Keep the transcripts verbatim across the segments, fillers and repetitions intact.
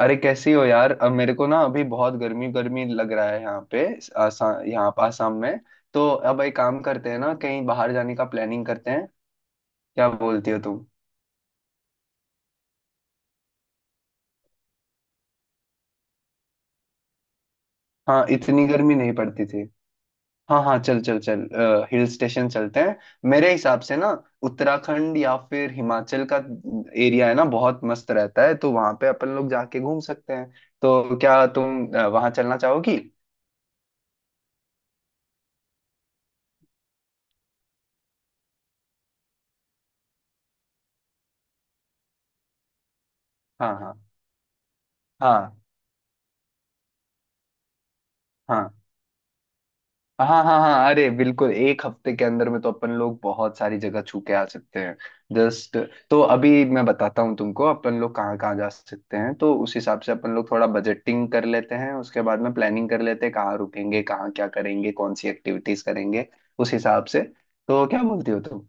अरे कैसी हो यार। अब मेरे को ना अभी बहुत गर्मी गर्मी लग रहा है यहाँ पे आसाम। यहाँ पे आसाम में तो अब एक काम करते हैं ना, कहीं बाहर जाने का प्लानिंग करते हैं। क्या बोलती हो तुम। हाँ, इतनी गर्मी नहीं पड़ती थी। हाँ हाँ, चल चल चल। हिल स्टेशन चलते हैं। मेरे हिसाब से ना उत्तराखंड या फिर हिमाचल का एरिया है ना, बहुत मस्त रहता है, तो वहां पे अपन लोग जाके घूम सकते हैं। तो क्या तुम अ, वहां चलना चाहोगी। हाँ हाँ हाँ हाँ हाँ हाँ हाँ। अरे बिल्कुल एक हफ्ते के अंदर में तो अपन लोग बहुत सारी जगह छू के आ सकते हैं। जस्ट, तो अभी मैं बताता हूँ तुमको, अपन लोग कहाँ कहाँ जा सकते हैं, तो उस हिसाब से अपन लोग थोड़ा बजटिंग कर लेते हैं, उसके बाद में प्लानिंग कर लेते हैं कहाँ रुकेंगे, कहाँ क्या करेंगे, कौन सी एक्टिविटीज करेंगे उस हिसाब से। तो क्या बोलती हो तुम।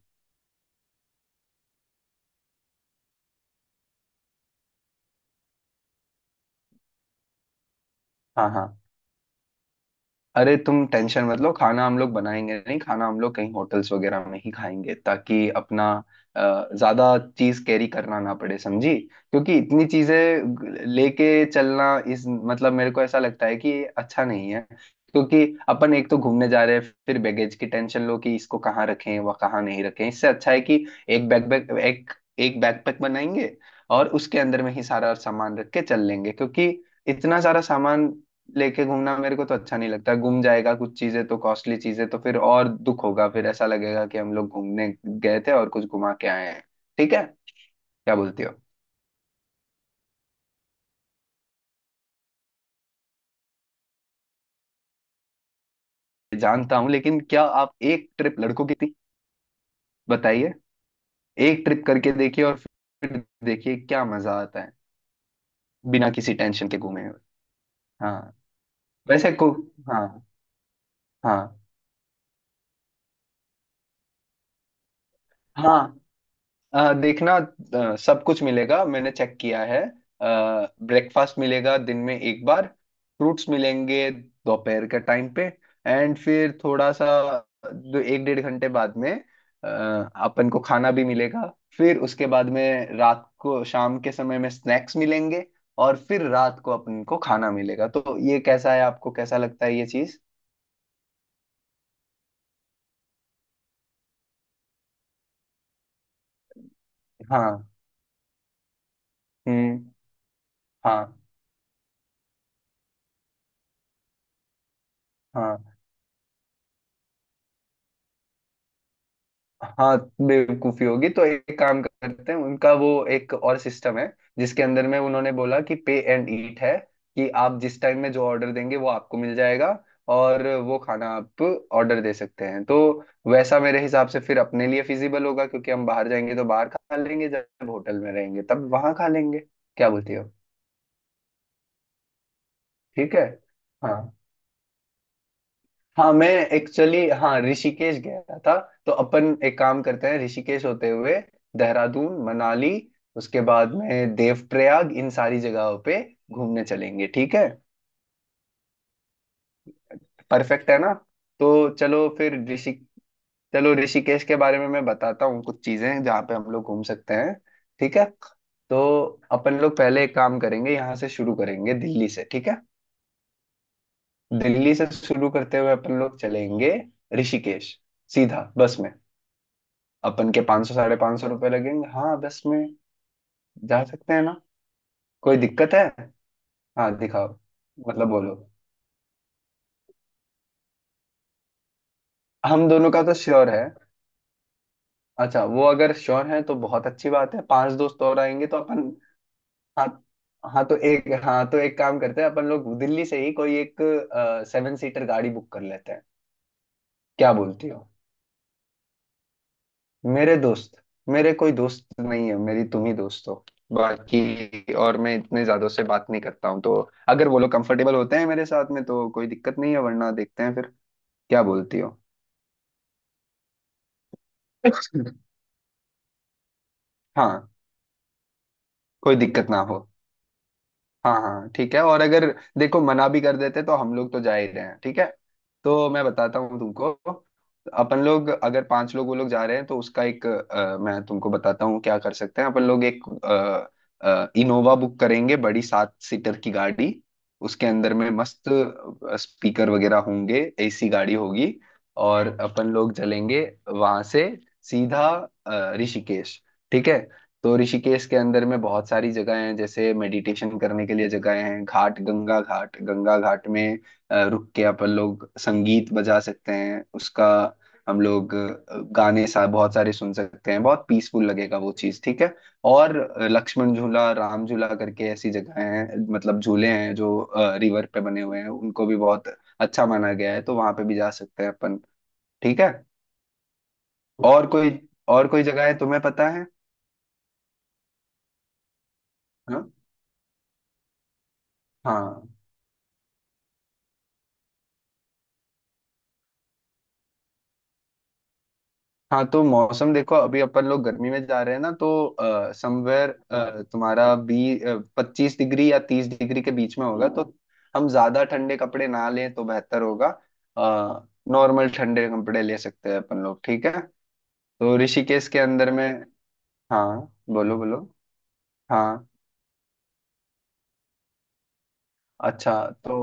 हाँ हाँ। अरे तुम टेंशन मत लो, खाना हम लोग बनाएंगे नहीं, खाना हम लोग कहीं होटल्स वगैरह में ही खाएंगे ताकि अपना अ, ज्यादा चीज कैरी करना ना पड़े, समझी। क्योंकि इतनी चीजें ग- लेके चलना इस मतलब मेरे को ऐसा लगता है कि ये अच्छा नहीं है। क्योंकि अपन एक तो घूमने जा रहे हैं, फिर बैगेज की टेंशन लो कि इसको कहाँ रखें व कहाँ नहीं रखें। इससे अच्छा है कि एक बैकपैक एक एक बैकपैक बनाएंगे और उसके अंदर में ही सारा सामान रख के चल लेंगे। क्योंकि इतना सारा सामान लेके घूमना मेरे को तो अच्छा नहीं लगता, गुम जाएगा कुछ चीजें तो, कॉस्टली चीजें तो फिर और दुख होगा, फिर ऐसा लगेगा कि हम लोग घूमने गए थे और कुछ घुमा के आए हैं। ठीक है। क्या बोलती हो। जानता हूँ लेकिन क्या आप, एक ट्रिप लड़कों की थी, बताइए। एक ट्रिप करके देखिए और फिर देखिए क्या मजा आता है बिना किसी टेंशन के घूमे हुए। हाँ, वैसे को, हाँ हाँ हाँ, अ, देखना, अ, सब कुछ मिलेगा, मैंने चेक किया है। ब्रेकफास्ट मिलेगा दिन में एक बार। फ्रूट्स मिलेंगे दोपहर के टाइम पे। एंड फिर थोड़ा सा दो एक डेढ़ घंटे बाद में अ, अपन को खाना भी मिलेगा। फिर उसके बाद में रात को, शाम के समय में स्नैक्स मिलेंगे और फिर रात को अपन को खाना मिलेगा। तो ये कैसा है, आपको कैसा लगता है ये चीज। हाँ। हम्म। हाँ हाँ हाँ, बेवकूफी होगी। तो एक काम करते हैं, उनका वो एक और सिस्टम है जिसके अंदर में उन्होंने बोला कि पे एंड ईट है कि आप जिस टाइम में जो ऑर्डर देंगे वो आपको मिल जाएगा और वो खाना आप ऑर्डर दे सकते हैं। तो वैसा मेरे हिसाब से फिर अपने लिए फिजिबल होगा क्योंकि हम बाहर जाएंगे तो बाहर खा लेंगे, जब होटल में रहेंगे तब वहां खा लेंगे। क्या बोलती हो। ठीक है। हाँ, हाँ मैं एक्चुअली, हाँ ऋषिकेश गया था। तो अपन एक काम करते हैं, ऋषिकेश होते हुए देहरादून, मनाली, उसके बाद में देवप्रयाग, इन सारी जगहों पे घूमने चलेंगे। ठीक है। परफेक्ट है ना। तो चलो फिर ऋषि चलो, ऋषिकेश के बारे में मैं बताता हूँ, कुछ चीजें जहाँ पे हम लोग घूम सकते हैं। ठीक है। तो अपन लोग पहले एक काम करेंगे, यहाँ से शुरू करेंगे दिल्ली से। ठीक है। दिल्ली से शुरू करते हुए अपन लोग चलेंगे ऋषिकेश, सीधा बस में। अपन के पाँच सौ साढ़े पाँच सौ रुपये लगेंगे, हाँ बस में। जा सकते हैं ना। कोई दिक्कत है। हाँ दिखाओ। मतलब बोलो। हम दोनों का तो श्योर है। अच्छा वो अगर श्योर है तो बहुत अच्छी बात है, पांच दोस्त और आएंगे तो अपन, हाँ हाँ तो एक हाँ तो एक काम करते हैं, अपन लोग दिल्ली से ही कोई एक सेवन सीटर गाड़ी बुक कर लेते हैं। क्या बोलती हो। मेरे दोस्त, मेरे कोई दोस्त नहीं है, मेरी तुम ही दोस्त हो। बाकी और मैं इतने ज्यादा से बात नहीं करता हूँ तो, अगर वो लोग कंफर्टेबल होते हैं मेरे साथ में तो कोई दिक्कत नहीं है, वरना देखते हैं फिर। क्या बोलती हो। हाँ, कोई दिक्कत ना हो। हाँ हाँ ठीक है। और अगर देखो मना भी कर देते तो हम लोग तो जा ही रहे हैं। ठीक है। तो मैं बताता हूँ तुमको, अपन लोग अगर पांच लोग वो लोग जा रहे हैं तो उसका एक, अ, मैं तुमको बताता हूँ क्या कर सकते हैं। अपन लोग एक इनोवा बुक करेंगे, बड़ी सात सीटर की गाड़ी। उसके अंदर में मस्त स्पीकर वगैरह होंगे, एसी गाड़ी होगी और अपन लोग चलेंगे वहां से सीधा अ, ऋषिकेश। ठीक है। तो ऋषिकेश के अंदर में बहुत सारी जगह हैं, जैसे मेडिटेशन करने के लिए जगह हैं, घाट, गंगा घाट। गंगा घाट में अ, रुक के अपन लोग संगीत बजा सकते हैं उसका, हम लोग अ, गाने सा बहुत सारे सुन सकते हैं, बहुत पीसफुल लगेगा वो चीज। ठीक है। और अ, लक्ष्मण झूला, राम झूला करके ऐसी जगह हैं, मतलब झूले हैं जो रिवर पे बने हुए हैं, उनको भी बहुत अच्छा माना गया है, तो वहां पे भी जा सकते हैं अपन। ठीक है। और कोई, और कोई जगह है तुम्हें पता है। हाँ। हाँ, हाँ तो मौसम देखो, अभी अपन लोग गर्मी में जा रहे हैं ना तो समवेयर तुम्हारा बी पच्चीस डिग्री या तीस डिग्री के बीच में होगा, तो हम ज्यादा ठंडे कपड़े ना लें तो बेहतर होगा। नॉर्मल ठंडे कपड़े ले सकते हैं अपन लोग। ठीक है। तो ऋषिकेश के अंदर में, हाँ बोलो बोलो। हाँ, अच्छा तो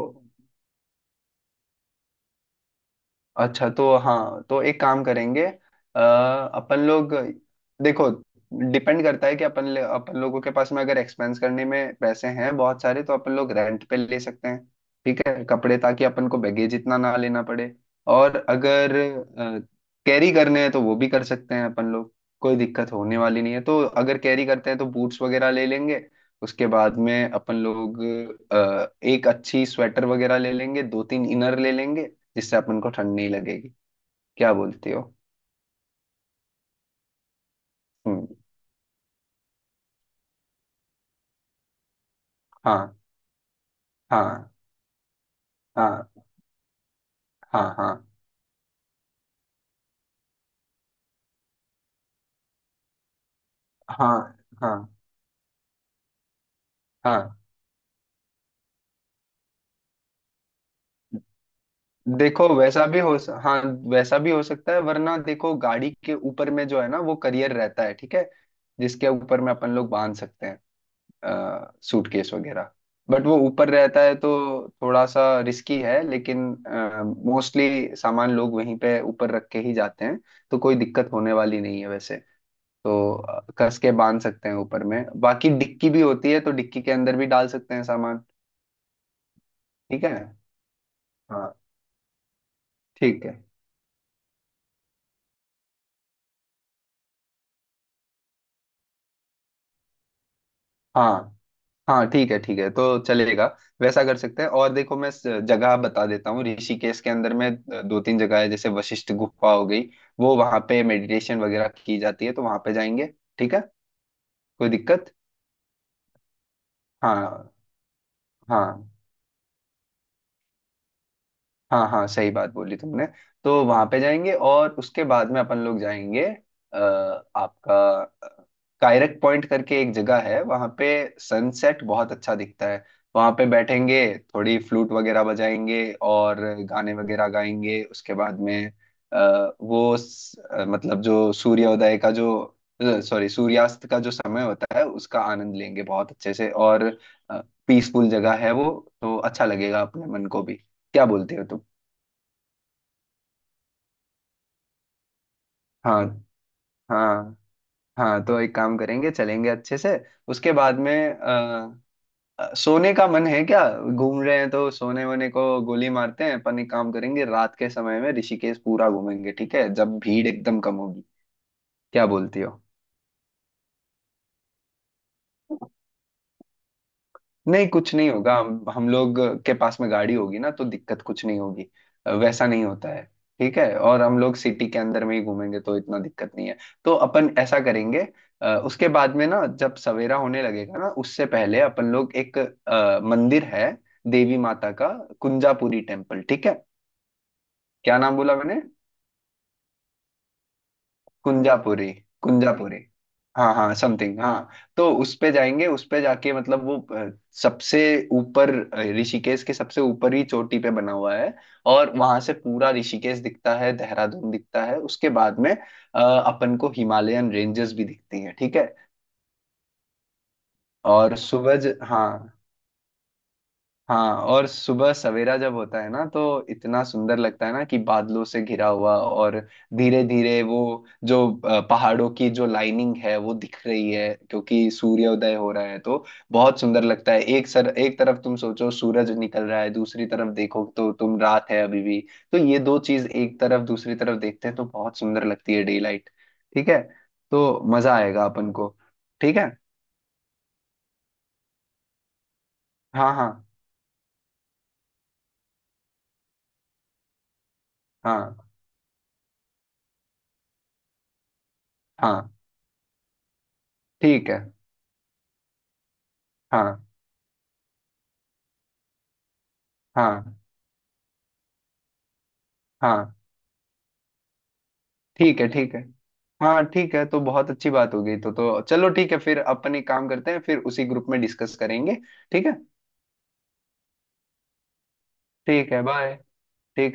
अच्छा तो हाँ तो एक काम करेंगे अ, अपन लोग देखो, डिपेंड करता है कि अपन ले- अपन लोगों के पास में अगर एक्सपेंस करने में पैसे हैं बहुत सारे तो अपन लोग रेंट पे ले सकते हैं, ठीक है, कपड़े, ताकि अपन को बैगेज इतना ना लेना पड़े। और अगर कैरी करने हैं तो वो भी कर सकते हैं अपन लोग, कोई दिक्कत होने वाली नहीं है। तो अगर कैरी करते हैं तो बूट्स वगैरह ले लेंगे, उसके बाद में अपन लोग अ, एक अच्छी स्वेटर वगैरह ले लेंगे, दो तीन इनर ले लेंगे जिससे अपन को ठंड नहीं लगेगी। क्या बोलती हो। हम्म। हाँ हाँ हाँ हाँ हाँ हाँ हाँ हाँ। देखो वैसा भी हो स- हाँ, वैसा भी हो सकता है। वरना देखो गाड़ी के ऊपर में जो है ना, वो करियर रहता है, ठीक है, जिसके ऊपर में अपन लोग बांध सकते हैं आ, सूटकेस वगैरह। बट वो ऊपर रहता है तो थोड़ा सा रिस्की है, लेकिन मोस्टली सामान लोग वहीं पे ऊपर रख के ही जाते हैं, तो कोई दिक्कत होने वाली नहीं है वैसे। तो अ, कस के बांध सकते हैं ऊपर में, बाकी डिक्की भी होती है तो डिक्की के अंदर भी डाल सकते हैं सामान। ठीक है। हाँ ठीक है। हाँ हाँ ठीक है, ठीक है, तो चलेगा वैसा कर सकते हैं। और देखो मैं स- जगह बता देता हूँ ऋषिकेश के अंदर में। दो तीन जगह है, जैसे वशिष्ठ गुफा हो गई, वो वहां पे मेडिटेशन वगैरह की जाती है, तो वहां पे जाएंगे। ठीक है। कोई दिक्कत। हाँ हाँ, हाँ हाँ सही बात बोली तुमने। तो वहां पे जाएंगे और उसके बाद में अपन लोग जाएंगे आ, आपका कायरक पॉइंट करके एक जगह है, वहां पे सनसेट बहुत अच्छा दिखता है, वहां पे बैठेंगे, थोड़ी फ्लूट वगैरह बजाएंगे और गाने वगैरह गाएंगे। उसके बाद में आ, वो स- अ, मतलब जो सूर्योदय का जो, सॉरी, सूर्यास्त का जो समय होता है उसका आनंद लेंगे बहुत अच्छे से, और पीसफुल जगह है वो तो अच्छा लगेगा अपने मन को भी। क्या बोलते हो। हाँ हाँ, हाँ तो एक काम करेंगे, चलेंगे अच्छे से। उसके बाद में अ, अ, सोने का मन है क्या, घूम रहे हैं तो सोने वोने को गोली मारते हैं। अपन एक काम करेंगे, रात के समय में ऋषिकेश पूरा घूमेंगे, ठीक है, जब भीड़ एकदम कम होगी। क्या बोलती हो। नहीं कुछ नहीं होगा, हम हम लोग के पास में गाड़ी होगी ना तो दिक्कत कुछ नहीं होगी। अ, वैसा नहीं होता है। ठीक है, और हम लोग सिटी के अंदर में ही घूमेंगे तो इतना दिक्कत नहीं है। तो अपन ऐसा करेंगे, अ, उसके बाद में ना, जब सवेरा होने लगेगा ना उससे पहले, अपन लोग एक अ, मंदिर है देवी माता का, कुंजापुरी टेम्पल। ठीक है। क्या नाम बोला मैंने। कुंजापुरी, कुंजापुरी, हाँ हाँ समथिंग हाँ। तो उस पे जाएंगे, उस पे जाके मतलब वो अ, सबसे ऊपर, अ, ऋषिकेश के सबसे ऊपर ही चोटी पे बना हुआ है, और वहां से पूरा ऋषिकेश दिखता है, देहरादून दिखता है, उसके बाद में अ, अपन को हिमालयन रेंजेस भी दिखती हैं। ठीक है। और सूरज, हाँ, हाँ और सुबह सवेरा जब होता है ना तो इतना सुंदर लगता है ना कि बादलों से घिरा हुआ, और धीरे धीरे वो जो अ, पहाड़ों की जो लाइनिंग है वो दिख रही है क्योंकि सूर्योदय हो रहा है, तो बहुत सुंदर लगता है। एक सर, एक तरफ तुम सोचो सूरज निकल रहा है, दूसरी तरफ देखो तो तुम रात है अभी भी, तो ये दो चीज एक तरफ दूसरी तरफ देखते हैं तो बहुत सुंदर लगती है, डे लाइट। ठीक है, तो मजा आएगा अपन को। ठीक है। हाँ हाँ हाँ हाँ, ठीक है। हाँ हाँ हाँ, ठीक है, ठीक है। हाँ ठीक है, तो बहुत अच्छी बात हो गई, तो तो चलो ठीक है फिर। अपन एक काम करते हैं, फिर उसी ग्रुप में डिस्कस करेंगे। ठीक है। ठीक है, बाय। ठीक है।